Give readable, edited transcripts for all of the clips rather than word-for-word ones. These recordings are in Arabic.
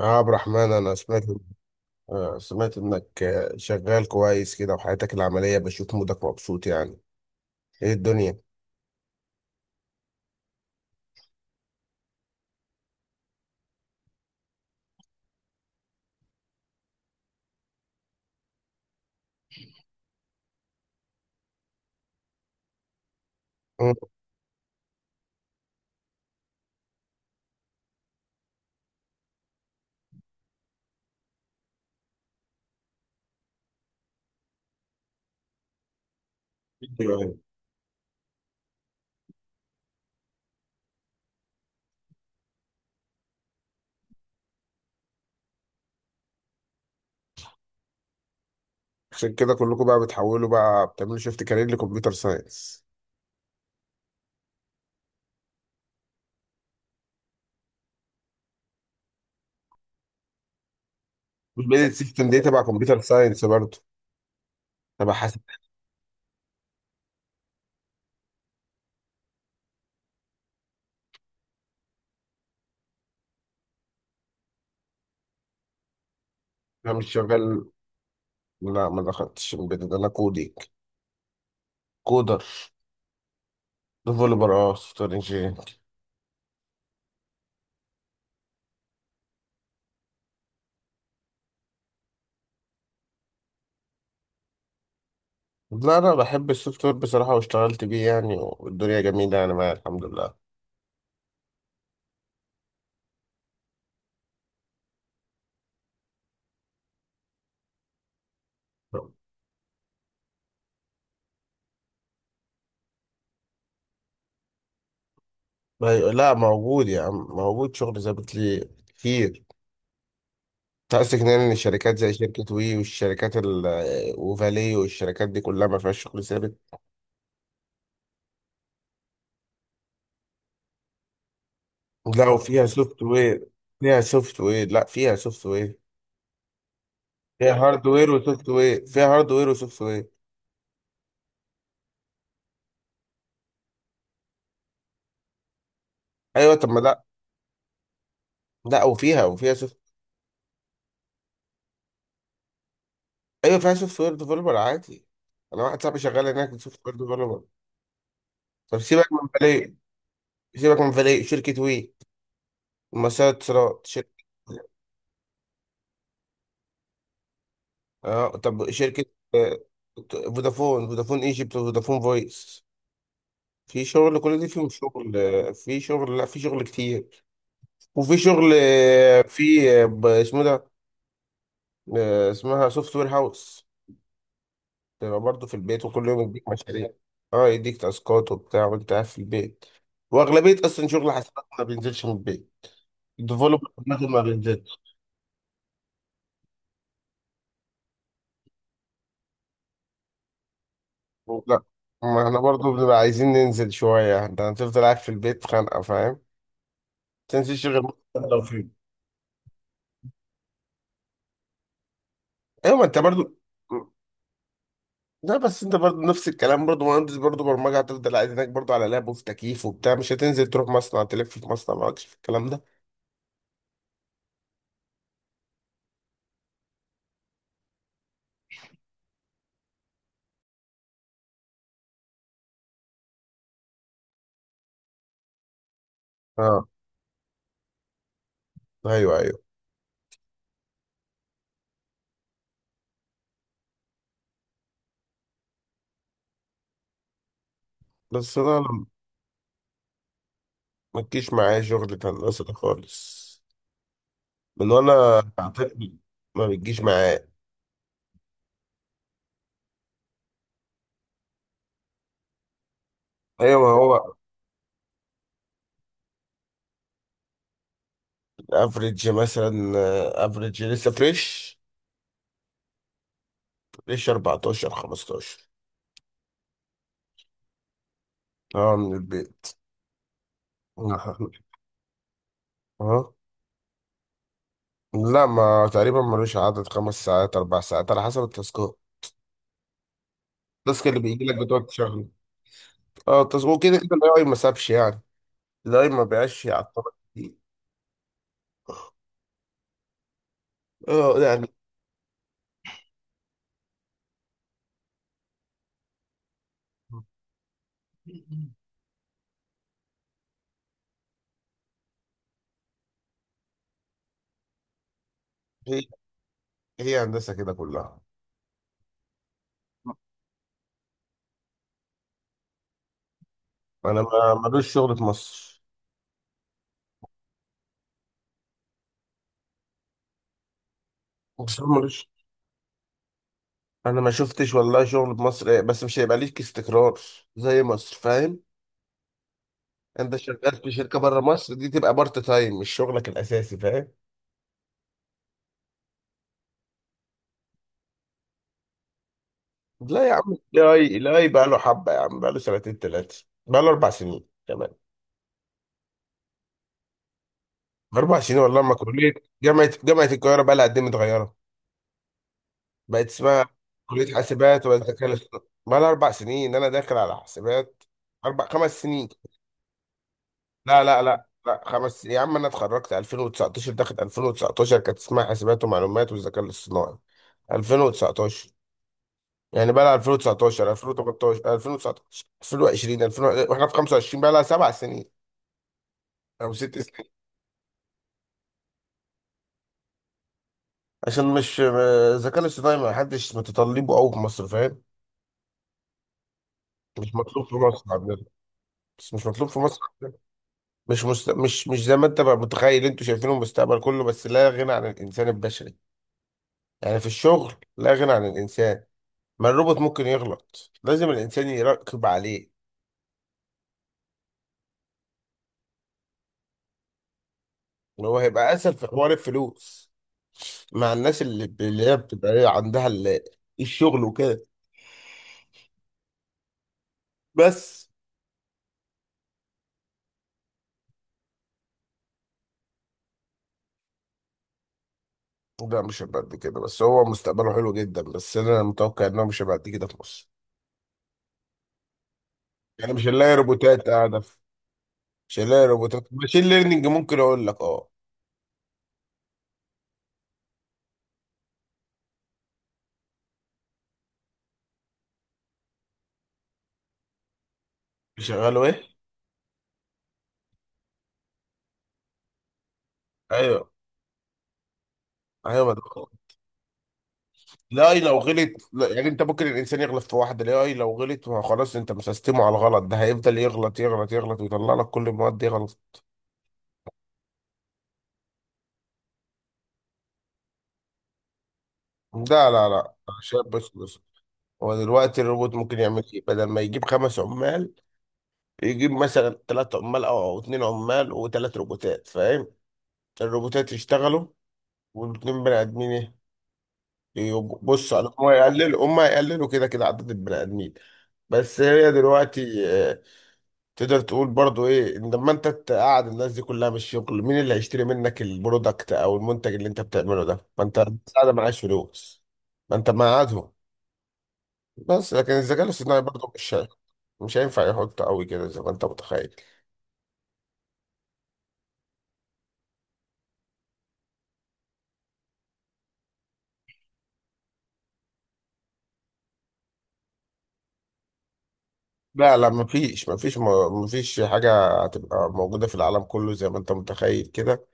يا عبد الرحمن، أنا سمعت سمعت إنك شغال كويس كده. وحياتك العملية بشوف مودك مبسوط يعني. إيه الدنيا؟ مم. أيوة. عشان كده كلكم بقى بتحولوا، بقى بتعملوا شيفت كارير لكمبيوتر ساينس؟ والبيزنس سيستم دي تبع كمبيوتر ساينس برضه، تبع حاسب. أنا مش شغال. لا، ما دخلتش embedded، أنا كودينج، كودر، ديفلوبر، أه سوفت وير إنجينير. لا، أنا بحب السوفت وير بصراحة واشتغلت بيه يعني، والدنيا جميلة يعني معايا الحمد لله. ما ي- لا، موجود يا عم، موجود شغل ظابط لي كتير. انت قصدك يعني الشركات زي شركة وي، والشركات وفالي والشركات دي كلها ما فيهاش شغل ثابت؟ لا، وفيها سوفت وير، فيها سوفت وير، لا فيها سوفت وير، فيها هارد وير وسوفت وير، فيها هارد وير وسوفت وير. ايوه، طب ما لا، لا وفيها سوفت. ايوه، فيها سوفت وير ديفلوبر عادي. انا واحد صاحبي شغال هناك سوفت وير ديفلوبر. طب سيبك من فالي، سيبك من فالي، شركة وي ومسار اتصالات شركة. اه، طب شركة، آه، فودافون، فودافون ايجيبت وفودافون فويس، في شغل، كل دي فيهم شغل، في شغل، لا في شغل كتير. وفي شغل، اسمه ده، اسمها سوفت وير هاوس. تبقى برضه في البيت وكل يوم يديك مشاريع. اه، يديك تاسكات وبتاع وانت قاعد في البيت. واغلبية اصلا شغل حسابات ما بينزلش من البيت، الديفلوبر ما بينزلش. لا، ما احنا برضه بنبقى عايزين ننزل شوية. انت هتفضل قاعد في البيت، خانقة فاهم. تنزل شغل لو في. ايوه، ما انت برضو. لا بس انت برضو نفس الكلام برضو، مهندس برضو برمجه هتفضل قاعد هناك برضو على لاب وفي تكييف وبتاع، مش هتنزل تروح مصنع تلف في مصنع، مالكش في الكلام ده. اه، ايوه ايوه. بس انا لم- ما تجيش معايا شغل هندسه ده خالص، من وانا طفل، ما بتجيش معايا. ايوه ما هو. افريج مثلا، افريج لسه فريش، فريش 14 15. اه، من البيت. اه. لا، ما تقريبا ملوش عدد، خمس ساعات، اربع ساعات على حسب التاسكات. التاسك اللي بيجي لك بتقعد تشغله. اه، التاسك وكده كده الاي اي ما سابش يعني، الاي ما بقاش يعطلك كتير. اه يعني. هي، هي هندسه كده كلها. انا ما ملوش شغل في مصر. مصر ملوش، انا ما شفتش والله شغل في مصر، بس مش هيبقى ليك استقرار زي مصر، فاهم. انت شغال في شركه بره مصر، دي تبقى بارت تايم، مش شغلك الاساسي، فاهم. لا يا عم، الاي اي بقى له حبه يا عم، بقى له سنتين، ثلاثه، بقى له اربع سنين كمان. أربع سنين والله ما كلية جامعة القاهرة بقى لها قد إيه متغيرة، بقت اسمها كلية حاسبات، وبقت ذكاء اصطناعي، بقى لها أربع سنين، أنا داخل على حاسبات. أربع خمس سنين. لا، خمس سنين يا عم، أنا اتخرجت 2019، داخل 2019 كانت اسمها حاسبات ومعلومات والذكاء الاصطناعي. 2019، يعني بقى لها، 2019، 2018، 2019، 2020، 2021، واحنا في 25، بقى لها سبع سنين او ست سنين. عشان مش الذكاء الاصطناعي ما حدش متطلبه قوي في مصر، فاهم. مش مطلوب في مصر عندنا، بس مش مطلوب في مصر عندنا. مش زي ما انت بقى متخيل، انتوا شايفينه المستقبل كله، بس لا غنى عن الانسان البشري يعني، في الشغل لا غنى عن الانسان. ما الروبوت ممكن يغلط، لازم الانسان يراقب عليه. اللي هو هيبقى اسهل في حوار الفلوس مع الناس، اللي هي بتبقى ايه عندها الشغل وكده. بس. لا، مش هيبقى قد كده، بس هو مستقبله حلو جدا، بس انا متوقع انه مش هيبقى قد كده في مصر. يعني مش هنلاقي روبوتات قاعده شغال، روبوتات ماشين ليرنينج ممكن اقول لك اه. شغاله ايه؟ ايوه ايوه. ما ده- الاي لو غلط، لا يعني انت ممكن الانسان يغلط في واحده، الاي لو غلط ما خلاص، انت مسستمه على الغلط، ده هيفضل يغلط يغلط يغلط، ويطلع لك كل المواد دي غلط. لا لا لا، أنا شايف بس بس، هو دلوقتي الروبوت ممكن يعمل ايه؟ بدل ما يجيب خمس عمال، يجيب مثلا ثلاث عمال او اتنين عمال وثلاث روبوتات، فاهم؟ الروبوتات يشتغلوا، والاتنين بني ادمين إيه؟ بص هو يقللوا، هم يقللوا كده كده عدد البني ادمين. بس هي دلوقتي، تقدر تقول برضو ايه، إن لما انت تقعد الناس دي كلها من الشغل، مين اللي هيشتري منك البرودكت او المنتج اللي انت بتعمله ده؟ ما انت قاعد معاش فلوس، ما انت مقعدهم. بس لكن الذكاء الاصطناعي برضو مش هينفع يحط قوي كده زي ما انت متخيل. لا لا، مفيش حاجة هتبقى موجودة في العالم كله زي ما انت متخيل كده.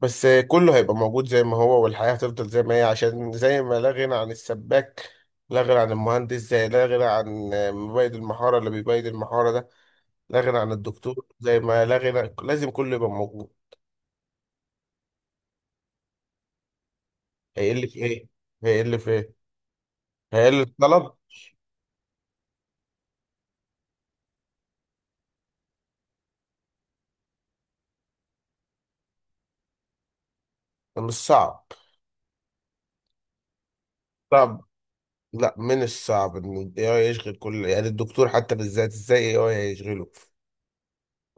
بس كله هيبقى موجود زي ما هو، والحياة هتفضل زي ما هي، عشان زي ما لا غنى عن السباك، لا غنى عن المهندس، زي لا غنى عن مبيد المحارة اللي بيبيد المحارة ده، لا غنى عن الدكتور، زي ما لا غنى، لازم كله يبقى موجود. هيقل في ايه؟ هيقل في ايه؟ هيقل الطلب. مش صعب. صعب. لا، من الصعب ان ال AI يشغل كل، يعني الدكتور حتى بالذات ازاي ال AI هيشغله؟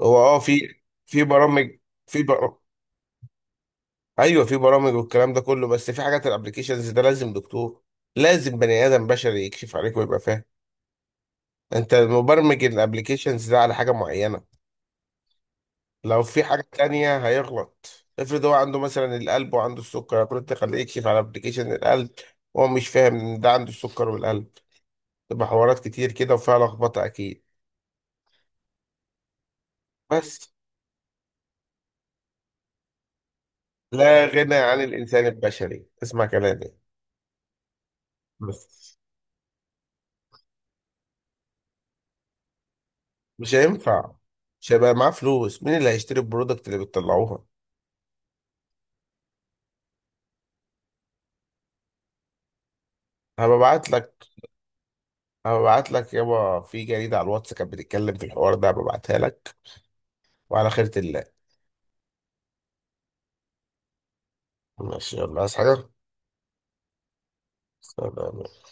هو اه في برامج. في بر... ايوه في برامج والكلام ده كله، بس في حاجات الابلكيشنز ده لازم دكتور، لازم بني ادم بشري يكشف عليك ويبقى فاهم. انت مبرمج الابلكيشنز ده على حاجه معينه، لو في حاجه تانية هيغلط. افرض هو عنده مثلا القلب وعنده السكر، كنت تخليه يكشف على ابلكيشن القلب وهو مش فاهم ان ده عنده السكر والقلب، تبقى حوارات كتير كده وفيها لخبطه اكيد. بس لا غنى عن الانسان البشري، اسمع كلامي. بس مش هينفع، مش هيبقى معاه فلوس، مين اللي هيشتري البرودكت اللي بتطلعوها. هببعت لك، هببعت لك يابا، في جريدة على الواتس كانت بتتكلم في الحوار ده، هببعتها لك وعلى خيرة الله. ماشي، يلا عايز حاجة؟ سلام.